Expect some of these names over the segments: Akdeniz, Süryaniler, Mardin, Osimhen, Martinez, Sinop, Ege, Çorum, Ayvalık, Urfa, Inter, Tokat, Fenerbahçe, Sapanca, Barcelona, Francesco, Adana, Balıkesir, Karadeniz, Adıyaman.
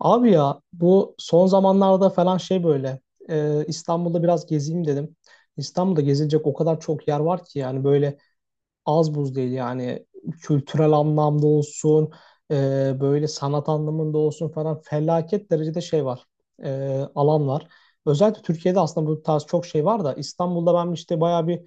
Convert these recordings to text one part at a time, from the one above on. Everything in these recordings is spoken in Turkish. Abi ya bu son zamanlarda falan şey böyle İstanbul'da biraz gezeyim dedim. İstanbul'da gezilecek o kadar çok yer var ki yani böyle az buz değil yani kültürel anlamda olsun böyle sanat anlamında olsun falan felaket derecede şey var alan var. Özellikle Türkiye'de aslında bu tarz çok şey var da İstanbul'da ben işte bayağı bir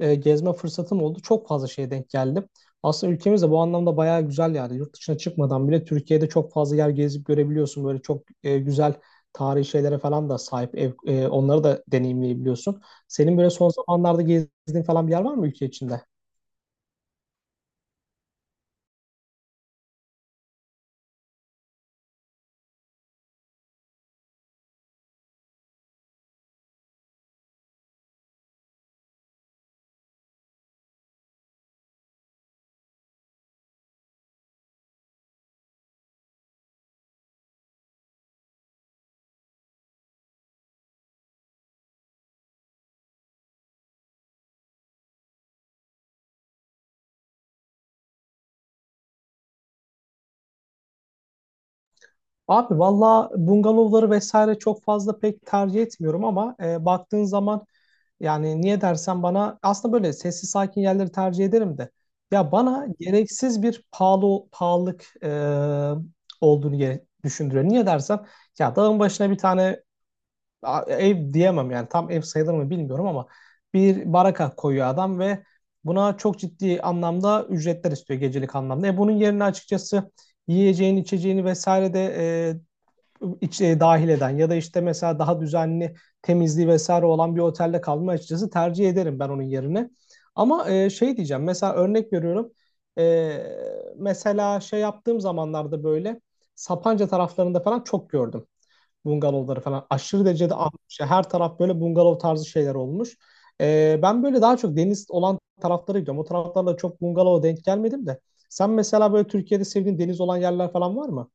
gezme fırsatım oldu. Çok fazla şeye denk geldim. Aslında ülkemiz de bu anlamda bayağı güzel yani. Yurt dışına çıkmadan bile Türkiye'de çok fazla yer gezip görebiliyorsun. Böyle çok güzel tarihi şeylere falan da sahip. Onları da deneyimleyebiliyorsun. Senin böyle son zamanlarda gezdiğin falan bir yer var mı ülke içinde? Abi valla bungalovları vesaire çok fazla pek tercih etmiyorum ama baktığın zaman yani niye dersen bana aslında böyle sessiz sakin yerleri tercih ederim de ya bana gereksiz bir pahalı pahalılık olduğunu düşündürüyor. Niye dersen ya dağın başına bir tane ev diyemem yani tam ev sayılır mı bilmiyorum ama bir baraka koyuyor adam ve buna çok ciddi anlamda ücretler istiyor gecelik anlamda. E bunun yerine açıkçası yiyeceğini, içeceğini vesaire de dahil eden ya da işte mesela daha düzenli temizliği vesaire olan bir otelde kalmayı açıkçası tercih ederim ben onun yerine. Ama şey diyeceğim mesela örnek veriyorum. E, Mesela şey yaptığım zamanlarda böyle Sapanca taraflarında falan çok gördüm bungalovları falan aşırı derecede artmış. Yani her taraf böyle bungalov tarzı şeyler olmuş. Ben böyle daha çok deniz olan taraflara gidiyorum. O taraflarla çok bungalova denk gelmedim de. Sen mesela böyle Türkiye'de sevdiğin deniz olan yerler falan var mı?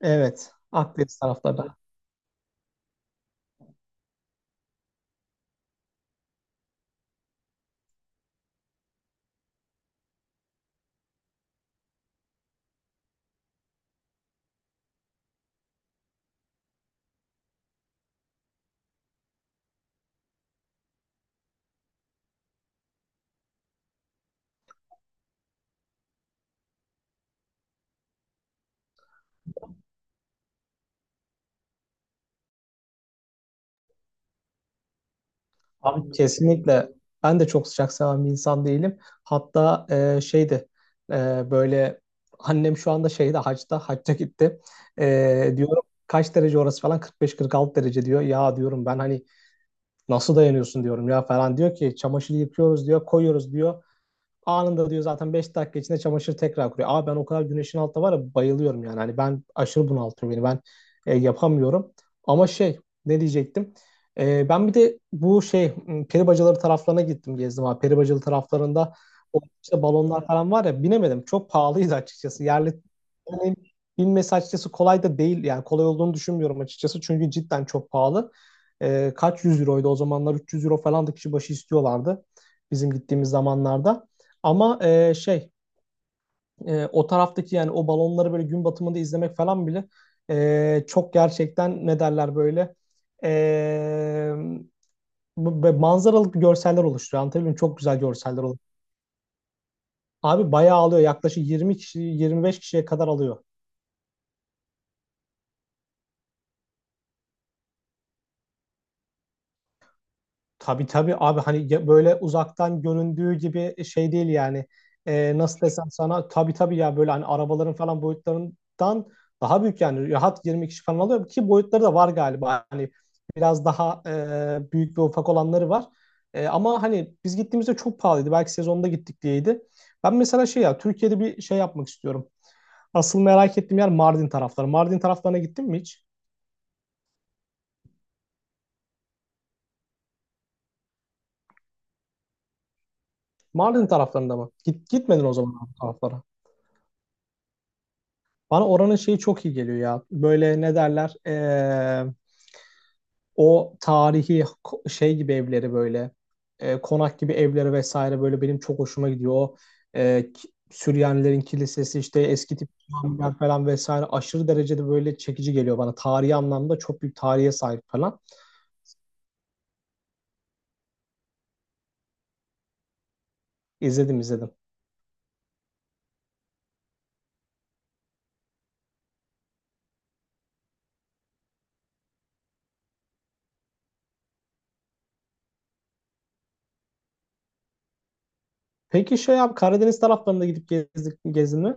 Evet, Akdeniz tarafları. Abi kesinlikle. Ben de çok sıcak seven bir insan değilim. Hatta şeydi e, böyle annem şu anda şeyde hacda, hacca gitti. E, diyorum kaç derece orası falan 45-46 derece diyor. Ya diyorum ben hani nasıl dayanıyorsun diyorum ya falan diyor ki çamaşırı yıkıyoruz diyor koyuyoruz diyor. Anında diyor zaten 5 dakika içinde çamaşır tekrar kuruyor. Abi ben o kadar güneşin altında var ya bayılıyorum yani. Hani ben aşırı bunaltıyor beni. Ben yapamıyorum. Ama şey ne diyecektim? E, ben bir de bu şey peri bacaları taraflarına gittim gezdim abi. Peri bacalı taraflarında o işte balonlar falan var ya binemedim. Çok pahalıydı açıkçası. Yerli yani binmesi açıkçası kolay da değil. Yani kolay olduğunu düşünmüyorum açıkçası. Çünkü cidden çok pahalı. E, kaç yüz euroydu o zamanlar? 300 euro falan da kişi başı istiyorlardı bizim gittiğimiz zamanlarda. Ama o taraftaki yani o balonları böyle gün batımında izlemek falan bile çok gerçekten ne derler böyle e, manzaralık görseller oluşturuyor. Anlatabiliyor muyum? Çok güzel görseller oluyor. Abi bayağı alıyor. Yaklaşık 20 kişi 25 kişiye kadar alıyor. Tabii tabii abi hani böyle uzaktan göründüğü gibi şey değil yani. Nasıl desem sana tabii tabii ya böyle hani arabaların falan boyutlarından daha büyük yani rahat 20 kişi falan alıyor ki boyutları da var galiba. Hani biraz daha büyük ve ufak olanları var. E, ama hani biz gittiğimizde çok pahalıydı. Belki sezonda gittik diyeydi. Ben mesela şey ya Türkiye'de bir şey yapmak istiyorum. Asıl merak ettiğim yer Mardin tarafları. Mardin taraflarına gittin mi hiç? Mardin taraflarında mı? Git, gitmedin o zaman abi taraflara. Bana oranın şeyi çok iyi geliyor ya. Böyle ne derler? O tarihi şey gibi evleri böyle konak gibi evleri vesaire böyle benim çok hoşuma gidiyor. O Süryanilerin kilisesi işte eski tip camiler falan vesaire aşırı derecede böyle çekici geliyor bana. Tarihi anlamda çok büyük tarihe sahip falan. İzledim izledim. Peki şey abi Karadeniz taraflarında gidip gezdik, gezdin mi?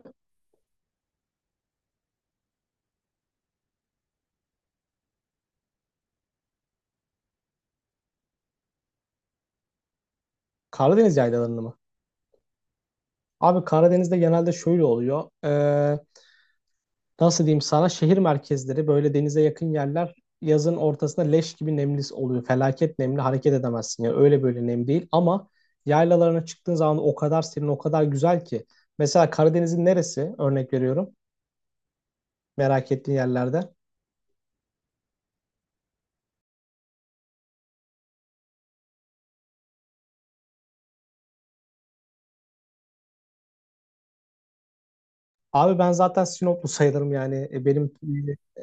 Karadeniz yaylalarını mı? Abi Karadeniz'de genelde şöyle oluyor. Nasıl diyeyim sana şehir merkezleri böyle denize yakın yerler yazın ortasında leş gibi nemli oluyor. Felaket nemli hareket edemezsin ya öyle böyle nem değil ama yaylalarına çıktığın zaman o kadar serin o kadar güzel ki. Mesela Karadeniz'in neresi örnek veriyorum merak ettiğin yerlerde. Abi ben zaten Sinoplu sayılırım yani. Benim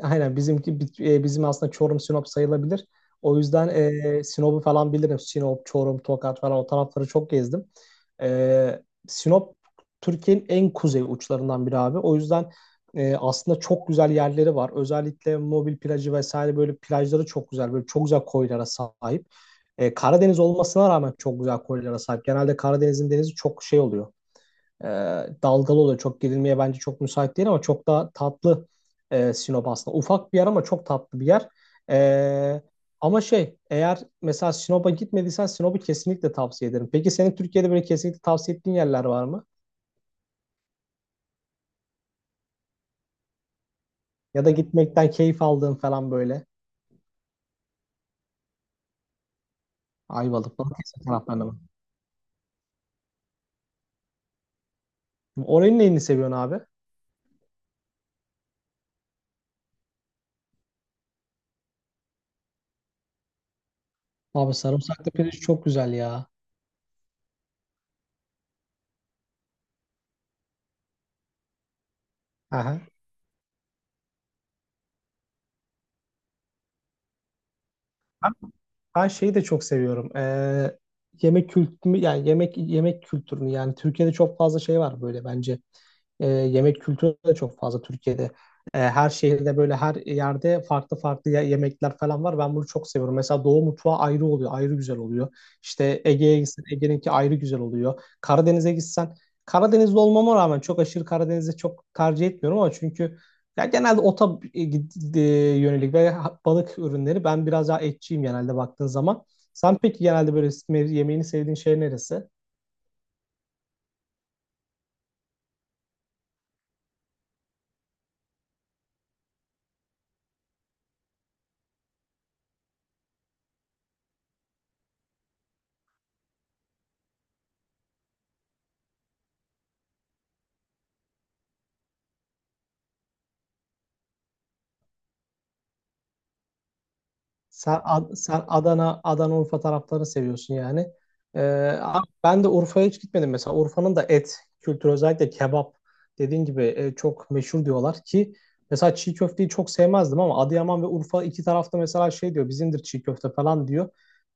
aynen bizimki bizim aslında Çorum Sinop sayılabilir. O yüzden Sinop'u falan bilirim. Sinop, Çorum, Tokat falan o tarafları çok gezdim. E, Sinop Türkiye'nin en kuzey uçlarından biri abi. O yüzden aslında çok güzel yerleri var. Özellikle mobil plajı vesaire böyle plajları çok güzel. Böyle çok güzel koylara sahip. Karadeniz olmasına rağmen çok güzel koylara sahip. Genelde Karadeniz'in denizi çok şey oluyor, e, dalgalı oluyor. Çok gerilmeye bence çok müsait değil ama çok daha tatlı Sinop aslında. Ufak bir yer ama çok tatlı bir yer. E, Ama şey eğer mesela Sinop'a gitmediysen Sinop'u kesinlikle tavsiye ederim. Peki senin Türkiye'de böyle kesinlikle tavsiye ettiğin yerler var mı? Ya da gitmekten keyif aldığın falan böyle. Ayvalık, Balıkesir taraflarına mı? Oranın neyini seviyorsun abi? Abi sarımsaklı pirinç çok güzel ya. Aha. Ben şeyi de çok seviyorum. Yemek kültürü yani yemek kültürünü yani Türkiye'de çok fazla şey var böyle bence. Yemek kültürü de çok fazla Türkiye'de. Her şehirde böyle her yerde farklı farklı yemekler falan var. Ben bunu çok seviyorum. Mesela Doğu mutfağı ayrı oluyor, ayrı güzel oluyor. İşte Ege'ye gitsen Ege'ninki ayrı güzel oluyor. Karadeniz'e gitsen Karadenizli olmama rağmen çok aşırı Karadeniz'i çok tercih etmiyorum ama çünkü ya genelde ota e, yönelik ve balık ürünleri. Ben biraz daha etçiyim genelde baktığın zaman. Sen peki genelde böyle yemeğini sevdiğin şey neresi? Sen Adana, Adana Urfa taraflarını seviyorsun yani. Ee, Abi ben de Urfa'ya hiç gitmedim mesela. Urfa'nın da et kültürü özellikle kebap dediğin gibi çok meşhur diyorlar ki mesela çiğ köfteyi çok sevmezdim ama Adıyaman ve Urfa iki tarafta mesela şey diyor bizimdir çiğ köfte falan diyor.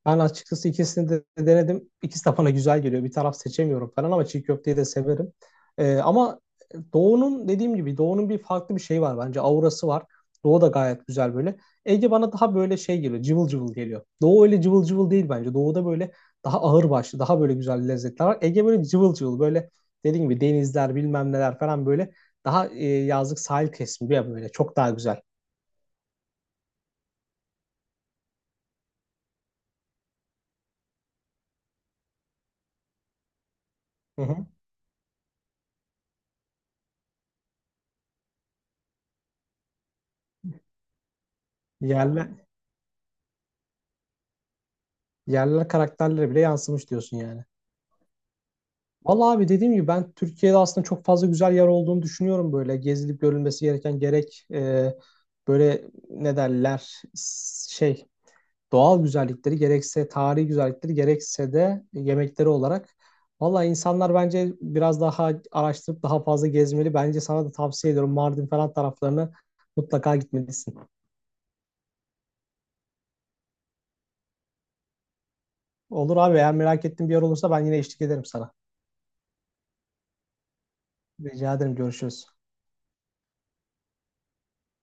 Ben açıkçası ikisini de denedim. İkisi de bana güzel geliyor. Bir taraf seçemiyorum falan ama çiğ köfteyi de severim. Ama Doğu'nun dediğim gibi Doğu'nun bir farklı bir şeyi var bence. Aurası var. Doğu da gayet güzel böyle. Ege bana daha böyle şey geliyor. Cıvıl cıvıl geliyor. Doğu öyle cıvıl cıvıl değil bence. Doğu'da böyle daha ağır başlı, daha böyle güzel lezzetler var. Ege böyle cıvıl cıvıl böyle dediğim gibi denizler bilmem neler falan böyle daha yazlık sahil kesimi ya böyle çok daha güzel. Hı hı. Yerler, yerler karakterlere bile yansımış diyorsun yani. Vallahi abi dediğim gibi ben Türkiye'de aslında çok fazla güzel yer olduğunu düşünüyorum böyle. Gezilip görülmesi gereken gerek böyle ne derler şey doğal güzellikleri gerekse tarihi güzellikleri gerekse de yemekleri olarak. Valla insanlar bence biraz daha araştırıp daha fazla gezmeli. Bence sana da tavsiye ediyorum Mardin falan taraflarını mutlaka gitmelisin. Olur abi eğer merak ettiğin bir yer olursa ben yine eşlik ederim sana. Rica ederim görüşürüz.